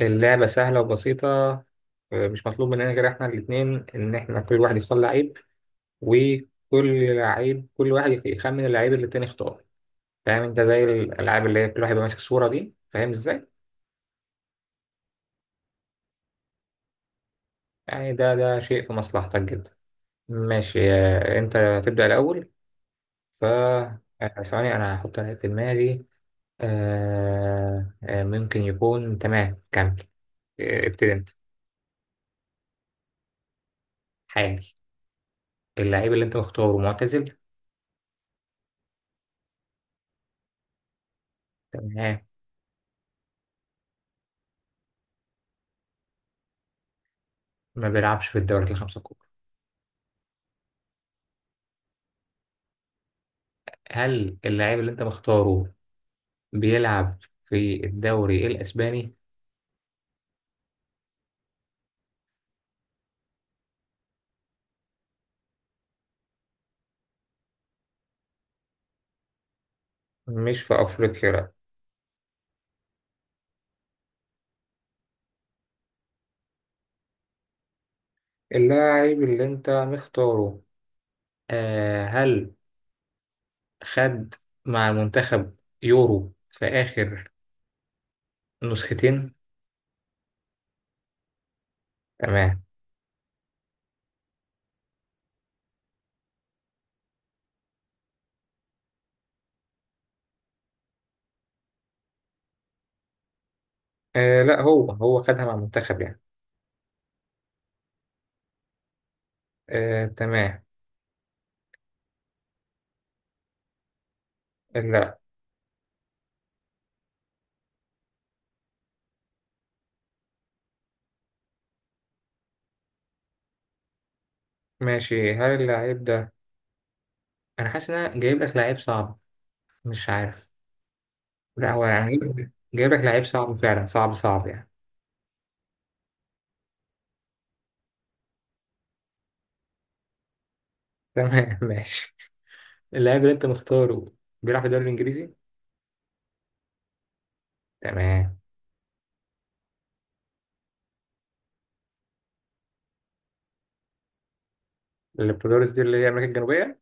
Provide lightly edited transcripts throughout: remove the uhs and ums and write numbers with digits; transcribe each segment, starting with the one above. اللعبة سهلة وبسيطة. مش مطلوب مننا غير احنا الاتنين ان احنا كل واحد يختار لعيب، وكل لعيب كل واحد يخمن اللعيب اللي التاني اختاره. فاهم انت زي الالعاب اللي هي كل واحد يبقى ماسك صورة؟ دي فاهم ازاي يعني. ده شيء في مصلحتك جدا. ماشي انت هتبدأ الاول. ف آه، ثواني انا هحط لعيب في دماغي. ممكن يكون، تمام كمل. ابتدي انت. حالي. اللعيب اللي انت مختاره معتزل؟ تمام. ما بيلعبش في الدوري الخمسة الكبرى. هل اللاعب اللي انت مختاره بيلعب في الدوري الاسباني؟ مش في افريقيا لا. اللاعب اللي انت مختاره، هل خد مع المنتخب يورو في اخر نسختين؟ تمام. آه لا، هو هو خدها مع المنتخب يعني. تمام. لا. ماشي، هل اللاعب ده، انا حاسس ان انا جايب لك لعيب صعب، مش عارف. لا هو انا جايب لك لعيب صعب، فعلا صعب صعب يعني. تمام. ماشي. اللاعب اللي انت مختاره بيلعب في الدوري الانجليزي؟ تمام. البلوريس دي اللي هي امريكا الجنوبيه؟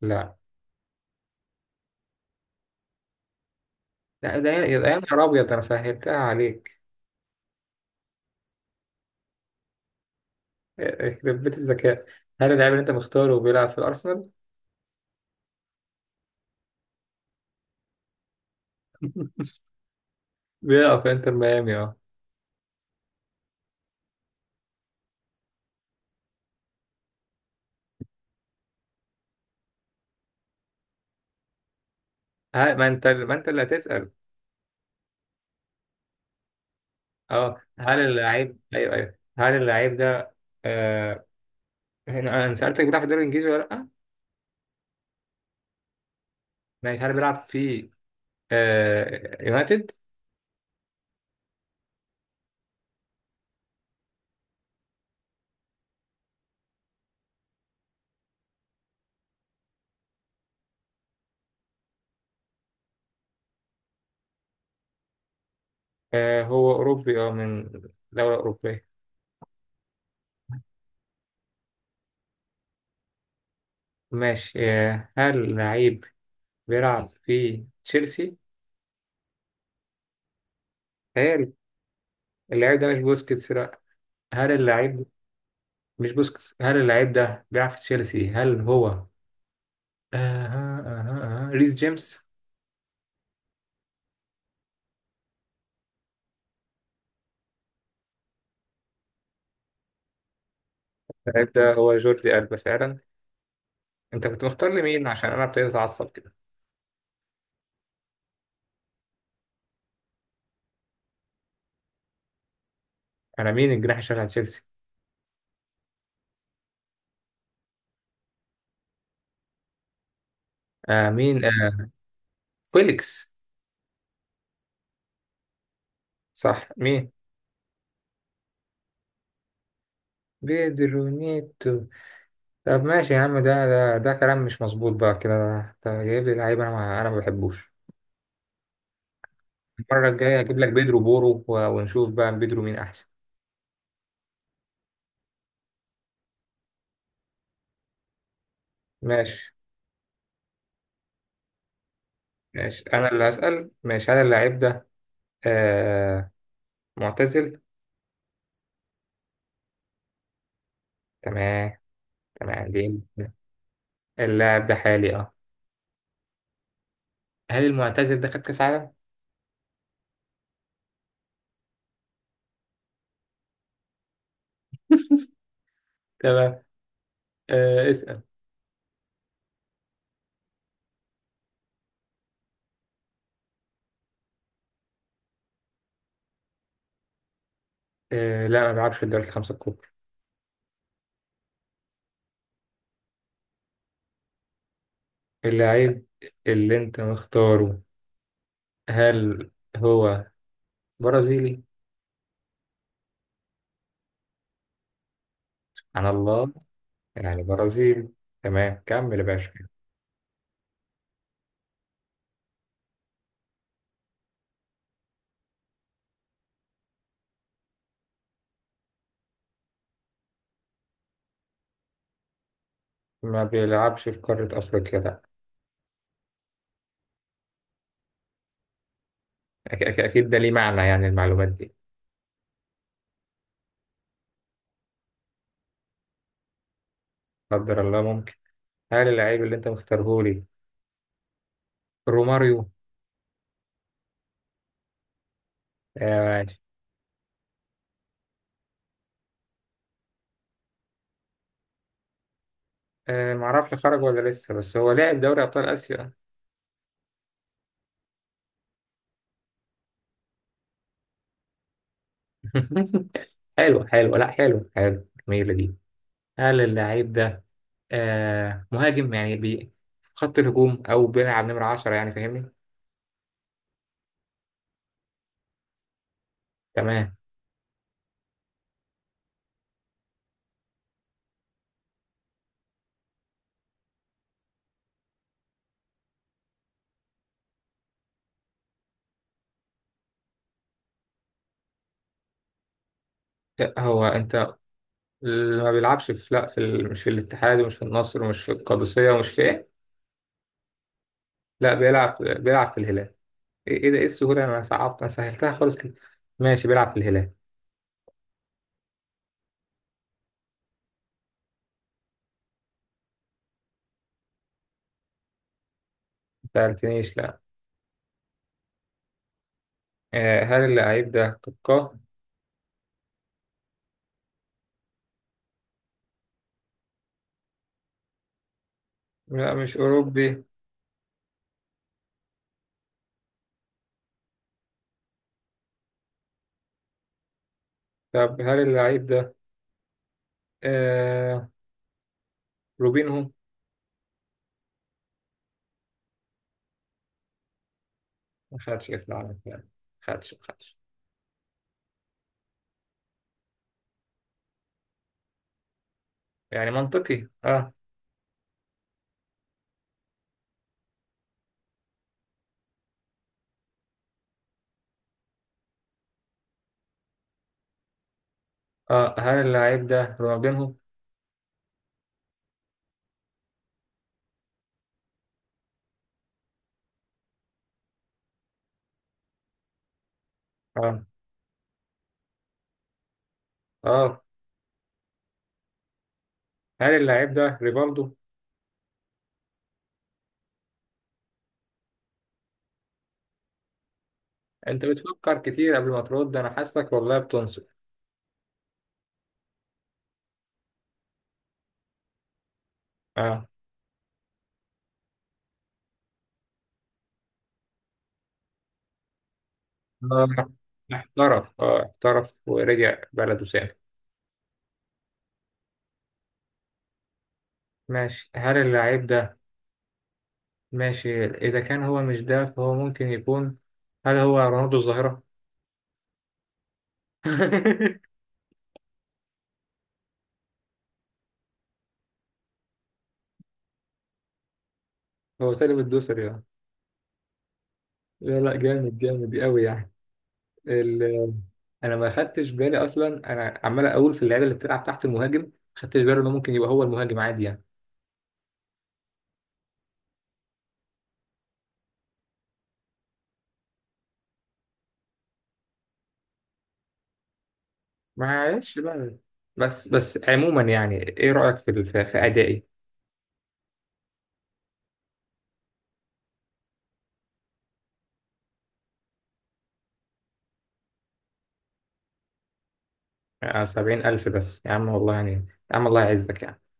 لا. لا ده، يا نهار ابيض، ده انا سهلتها عليك. يخرب بيت الذكاء. هل اللاعب اللي انت مختاره بيلعب في الارسنال؟ بيلعب في انتر ميامي اه. ما انت، ما انت اللي هتسال. اه هل اللاعب، ايوه ايوه، هل اللاعب ده، آه... هنا انا سالتك بيلعب في الدوري الانجليزي ولا لا. ماشي هل بيلعب في آه... يونايتد؟ آه... هو اوروبي اه، من دوله اوروبيه. ماشي آه... هل اللاعب بيلعب في تشيلسي؟ هل اللاعب ده مش بوسكيتس؟ لا. هل اللاعب ده مش بوسكيتس، هل اللاعب ده بيلعب في تشيلسي؟ هل هو ريس جيمس؟ اللاعب ده هو جوردي ألبا فعلا. انت كنت مختار لي مين عشان انا ابتديت اتعصب كده؟ انا مين الجناح الشمال على تشيلسي؟ مين؟ فيليكس؟ صح، مين؟ بيدرو نيتو. طب ماشي يا عم، ده كلام مش مظبوط بقى كده. انت جايب لي لعيب انا ما انا ما بحبوش. المرة الجاية هجيب لك بيدرو بورو ونشوف بقى بيدرو مين أحسن. ماشي. ماشي أنا اللي هسأل. ماشي، هل اللاعب ده آه معتزل؟ تمام. تمام دي. اللاعب ده حالي أه. هل المعتزل ده خد كأس عالم؟ تمام. آه اسأل. آه لا، ما بيلعبش في الدوري الخمسة الكبرى. اللاعب اللي أنت مختاره، هل هو برازيلي؟ عن الله، يعني برازيلي. تمام كمل يا باشا. ما بيلعبش في قارة أفريقيا لا. أكيد ده ليه معنى يعني المعلومات دي. قدر الله ممكن. هل اللاعب اللي أنت مختاره روماريو؟ آه. آه معرفش خرج ولا لسه، بس هو لاعب دوري أبطال آسيا. حلو حلو، لا حلو حلو، جميلة دي. هل اللعيب ده آه مهاجم يعني خط الهجوم، أو بيلعب نمرة 10 يعني، فاهمني؟ تمام. آه، هو أنت، ما بيلعبش في، لا في ال... مش في الاتحاد ومش في النصر ومش في القادسية ومش في إيه. لا بيلعب، بيلعب في الهلال. إيه إيه ده، إيه السهولة؟ أنا صعبت، أنا سهلتها خالص كده. ماشي بيلعب في الهلال. ما سألتنيش لا. آه هل اللعيب ده كاكا؟ لا مش أوروبي. طب هل اللعيب ده آه روبينهو؟ ما خدش كأس العالم يعني؟ ما خدش، ما خدش. يعني منطقي اه. اه هل اللعيب ده رونالدينهو؟ اه اه هل اللعيب ده ريفالدو؟ أنت بتفكر كتير قبل ما ترد، أنا حاسك والله بتنصف. اه. آه، احترف اه، احترف ورجع بلده سالم. ماشي هل اللعيب ده، ماشي إذا كان هو مش ده فهو ممكن يكون، هل هو رونالدو الظاهرة؟ هو سالم الدوسري يعني؟ لا لا، جامد جامد قوي يعني. ال... انا ما خدتش بالي اصلا. انا عمال اقول في اللعيبه اللي بتلعب تحت المهاجم، ما خدتش بالي انه ممكن يبقى هو المهاجم عادي يعني. معلش بقى. بس عموما يعني ايه رايك في في ادائي؟ يعني 70,000 بس يا عم والله يعني. يا عم الله يعزك.